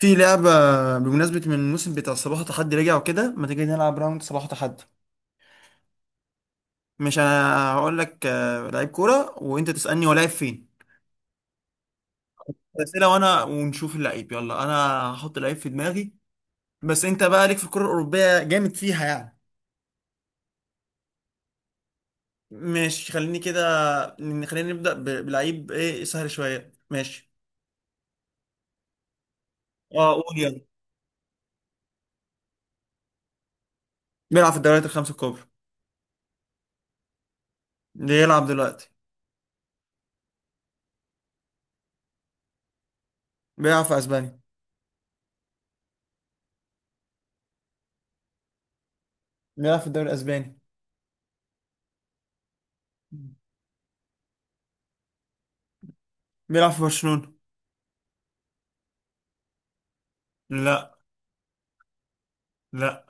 في لعبة بمناسبة من الموسم بتاع صباح تحدي رجع وكده، ما تيجي نلعب راوند صباح تحدي؟ مش انا هقول لك لعيب كورة وانت تسألني هو لعيب فين. أسئلة وانا ونشوف اللعيب، يلا انا هحط لعيب في دماغي. بس انت بقى ليك في الكرة الأوروبية جامد فيها يعني. ماشي خليني كده. خلينا نبدأ بلعيب ايه سهل شوية. ماشي. اه قول يلا. بيلعب في الدوريات الخمسة الكبرى. بيلعب دلوقتي. بيلعب في اسبانيا. بيلعب في الدوري الاسباني. بيلعب في برشلونة. لا. لا.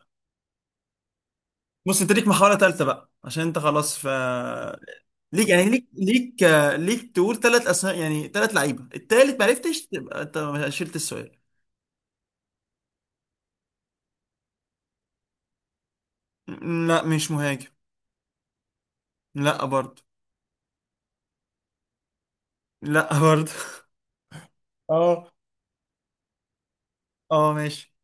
بص انت ليك محاولة ثالثة بقى عشان انت خلاص ف ليك، يعني ليك تقول ثلاث اسماء، يعني ثلاث لعيبة، التالت ما عرفتش تبقى انت شلت السؤال. لا مش مهاجم. لا برضه. لا برضه. اه. اه ماشي.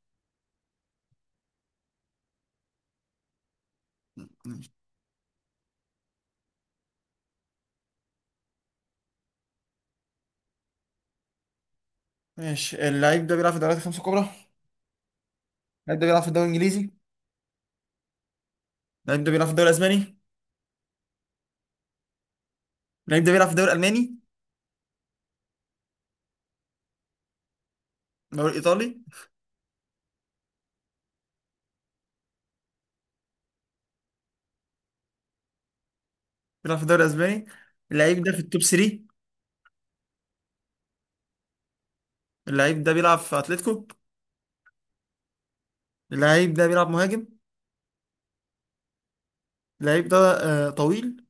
ماشي. اللعيب ده بيلعب في الدوريات الخمسة الكبرى. اللعيب ده بيلعب في الدوري الانجليزي. اللعيب ده بيلعب في الدوري الاسباني. اللعيب ده بيلعب في الدوري الالماني. الدوري الايطالي. بيلعب في الدوري الاسباني. اللعيب ده في التوب 3. اللعيب ده بيلعب في اتلتيكو. اللعيب ده بيلعب مهاجم. اللعيب ده طويل.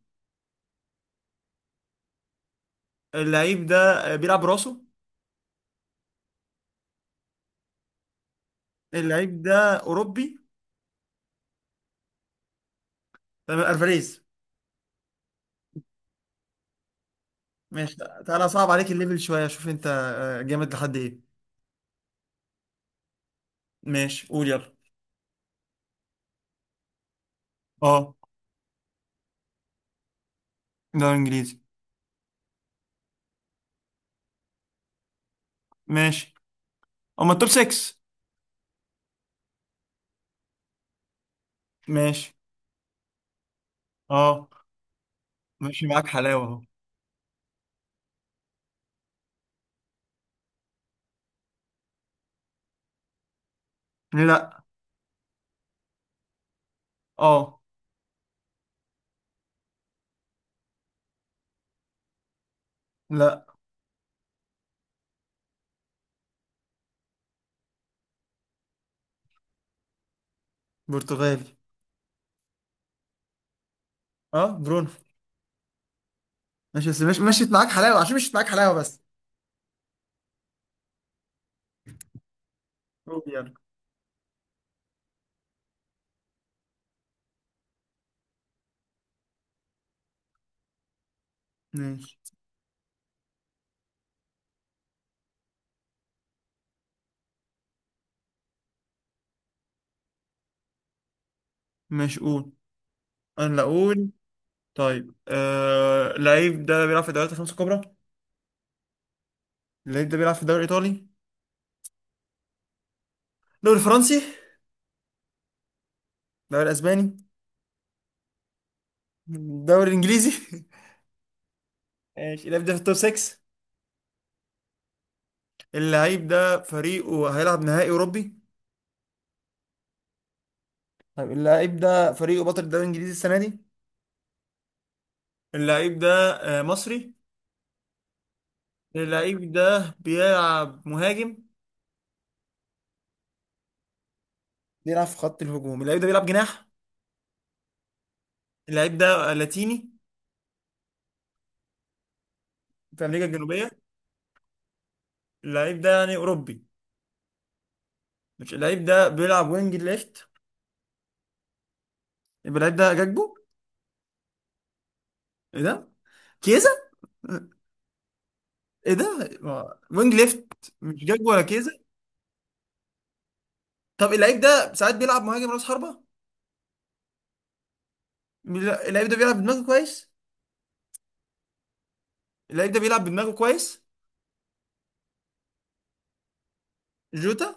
اللعيب ده بيلعب راسه. اللعيب ده اوروبي. تمام، الفاريز. ماشي. تعالى صعب عليك الليفل شويه، شوف انت جامد لحد ايه؟ ماشي قول يلا. اه دوري انجليزي. ماشي. اما التوب 6. ماشي. اه ماشي معاك حلاوه اهو. لا. اه. لا. برتغالي. اه برونو. ماشي، بس مش مشيت معاك حلاوه، عشان مشيت معاك حلاوه بس. قول يلا. ماشي. ماشي قول. انا لا اقول. طيب اللعيب ده بيلعب في الدوريات الخمسه الكبرى. اللعيب ده بيلعب في الدوري الايطالي. الدوري الفرنسي. الدوري الاسباني. الدوري الانجليزي. ماشي اللعيب ده في التوب 6. اللعيب ده فريقه هيلعب نهائي اوروبي. طيب اللعيب ده فريقه بطل الدوري الانجليزي السنه دي. اللعيب ده مصري. اللعيب ده بيلعب مهاجم. بيلعب في خط الهجوم. اللعيب ده بيلعب جناح. اللعيب ده لاتيني. في امريكا الجنوبيه. اللعيب ده يعني اوروبي. مش اللعيب ده بيلعب وينج ليفت. يبقى اللعيب ده جاكبو. ايه ده. كيزا. ايه ده وينج ليفت. مش جاكبو ولا. طب اللعيب ده ساعات بيلعب مهاجم راس حربة. اللعيب ده بيلعب بدماغه كويس. اللعيب ده بيلعب بدماغه كويس. جوتا.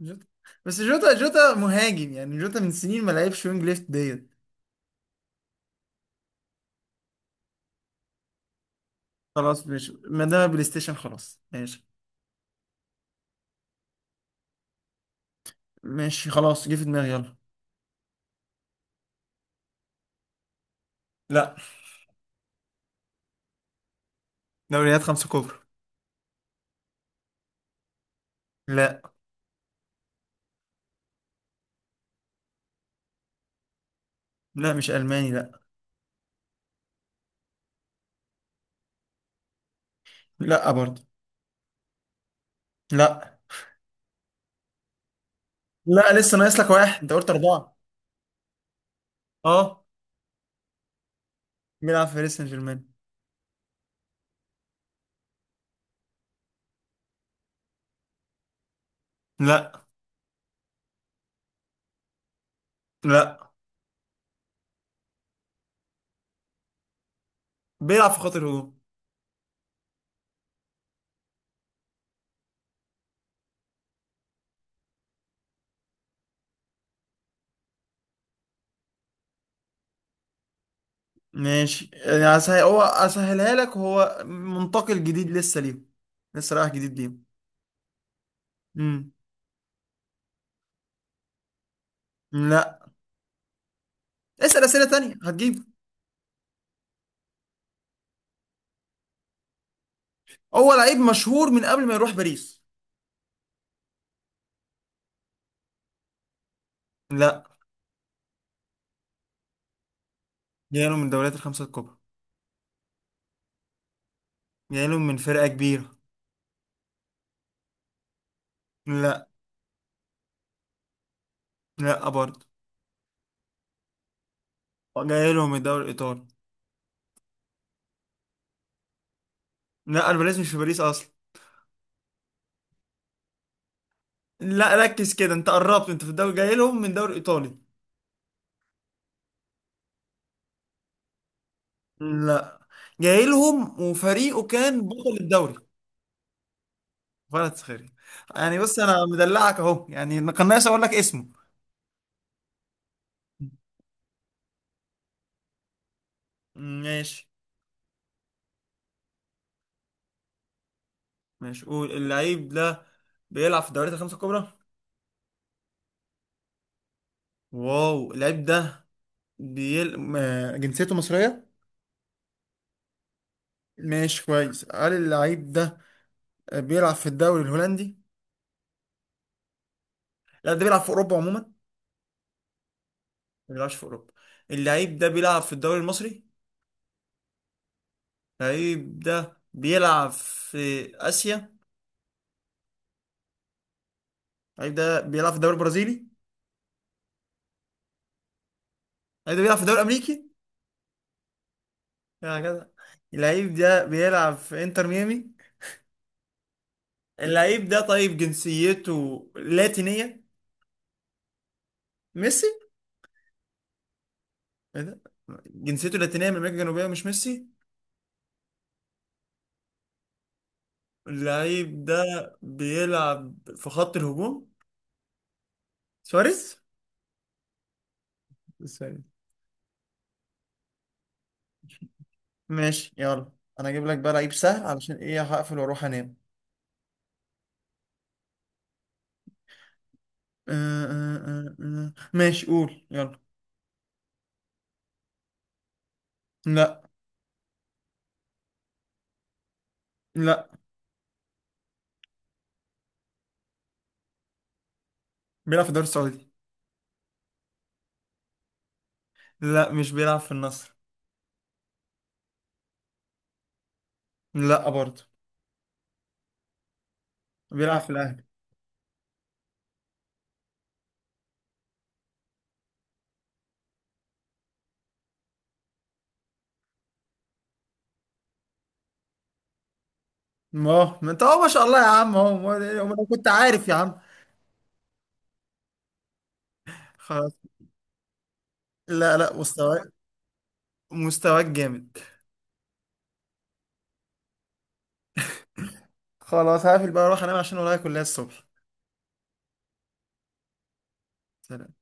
جوتا. بس جوتا، جوتا مهاجم يعني، جوتا من سنين ما لعبش وينج ليفت ديت. خلاص ماشي، ما دام بلاي ستيشن خلاص ماشي. ماشي خلاص جه في دماغي يلا. لا. دوريات خمسة كبرى. لا. لا مش ألماني لا. لا برضه. لا. لا لسه ناقص لك واحد، انت قلت أربعة. اه. بيلعب في باريس سان جيرمان. لا. لا. بيلعب في خط الهجوم. ماشي يعني هسهل، هو اسهلها لك، هو منتقل جديد لسه ليهم، لسه رايح جديد ليهم. امم لا. اسأل أسئلة تانية هتجيبه. هو لعيب مشهور من قبل ما يروح باريس. لا. جاي له من الدوريات الخمسة الكبرى. جاي له من فرقة كبيرة. لا. لا برضه. جاي له من الدوري الإيطالي. لا الباريس مش في باريس أصلا. لا ركز كده، أنت قربت، أنت في الدوري جاي لهم من الدوري الإيطالي. لا. جاي لهم وفريقه كان بطل الدوري. فرد سخري. يعني بص انا مدلعك اهو، يعني ما كان ناقص اقول لك اسمه. ماشي. ماشي قول اللعيب ده بيلعب في الدوريات الخمسة الكبرى. واو اللعيب ده بيل... آه، جنسيته مصرية. ماشي كويس، هل اللعيب ده بيلعب في الدوري الهولندي؟ لا ده بيلعب في أوروبا عموما، ما بيلعبش في أوروبا. اللعيب ده بيلعب في الدوري المصري. اللعيب ده بيلعب في آسيا. اللعيب ده بيلعب في الدوري البرازيلي. اللعيب ده بيلعب في الدوري الأمريكي. هكذا. اللعيب ده بيلعب في انتر ميامي. اللعيب ده طيب جنسيته لاتينية. ميسي. ايه ده. جنسيته لاتينية من أمريكا الجنوبية، مش ميسي. اللعيب ده بيلعب في خط الهجوم. سواريز. سواريز. ماشي يلا. انا اجيب لك بقى لعيب سهل، علشان ايه، هقفل واروح انام. أه أه أه أه. ماشي قول يلا. لا. لا. بيلعب في الدوري السعودي. لا مش بيلعب في النصر. لا برضه. بيلعب في الاهلي. ما انت اهو، ما شاء الله يا عم، اهو ما انا كنت عارف يا عم. خلاص. لا لا مستواك. مستواك جامد. خلاص هقفل بقى اروح انام عشان ورايا كلية الصبح. سلام.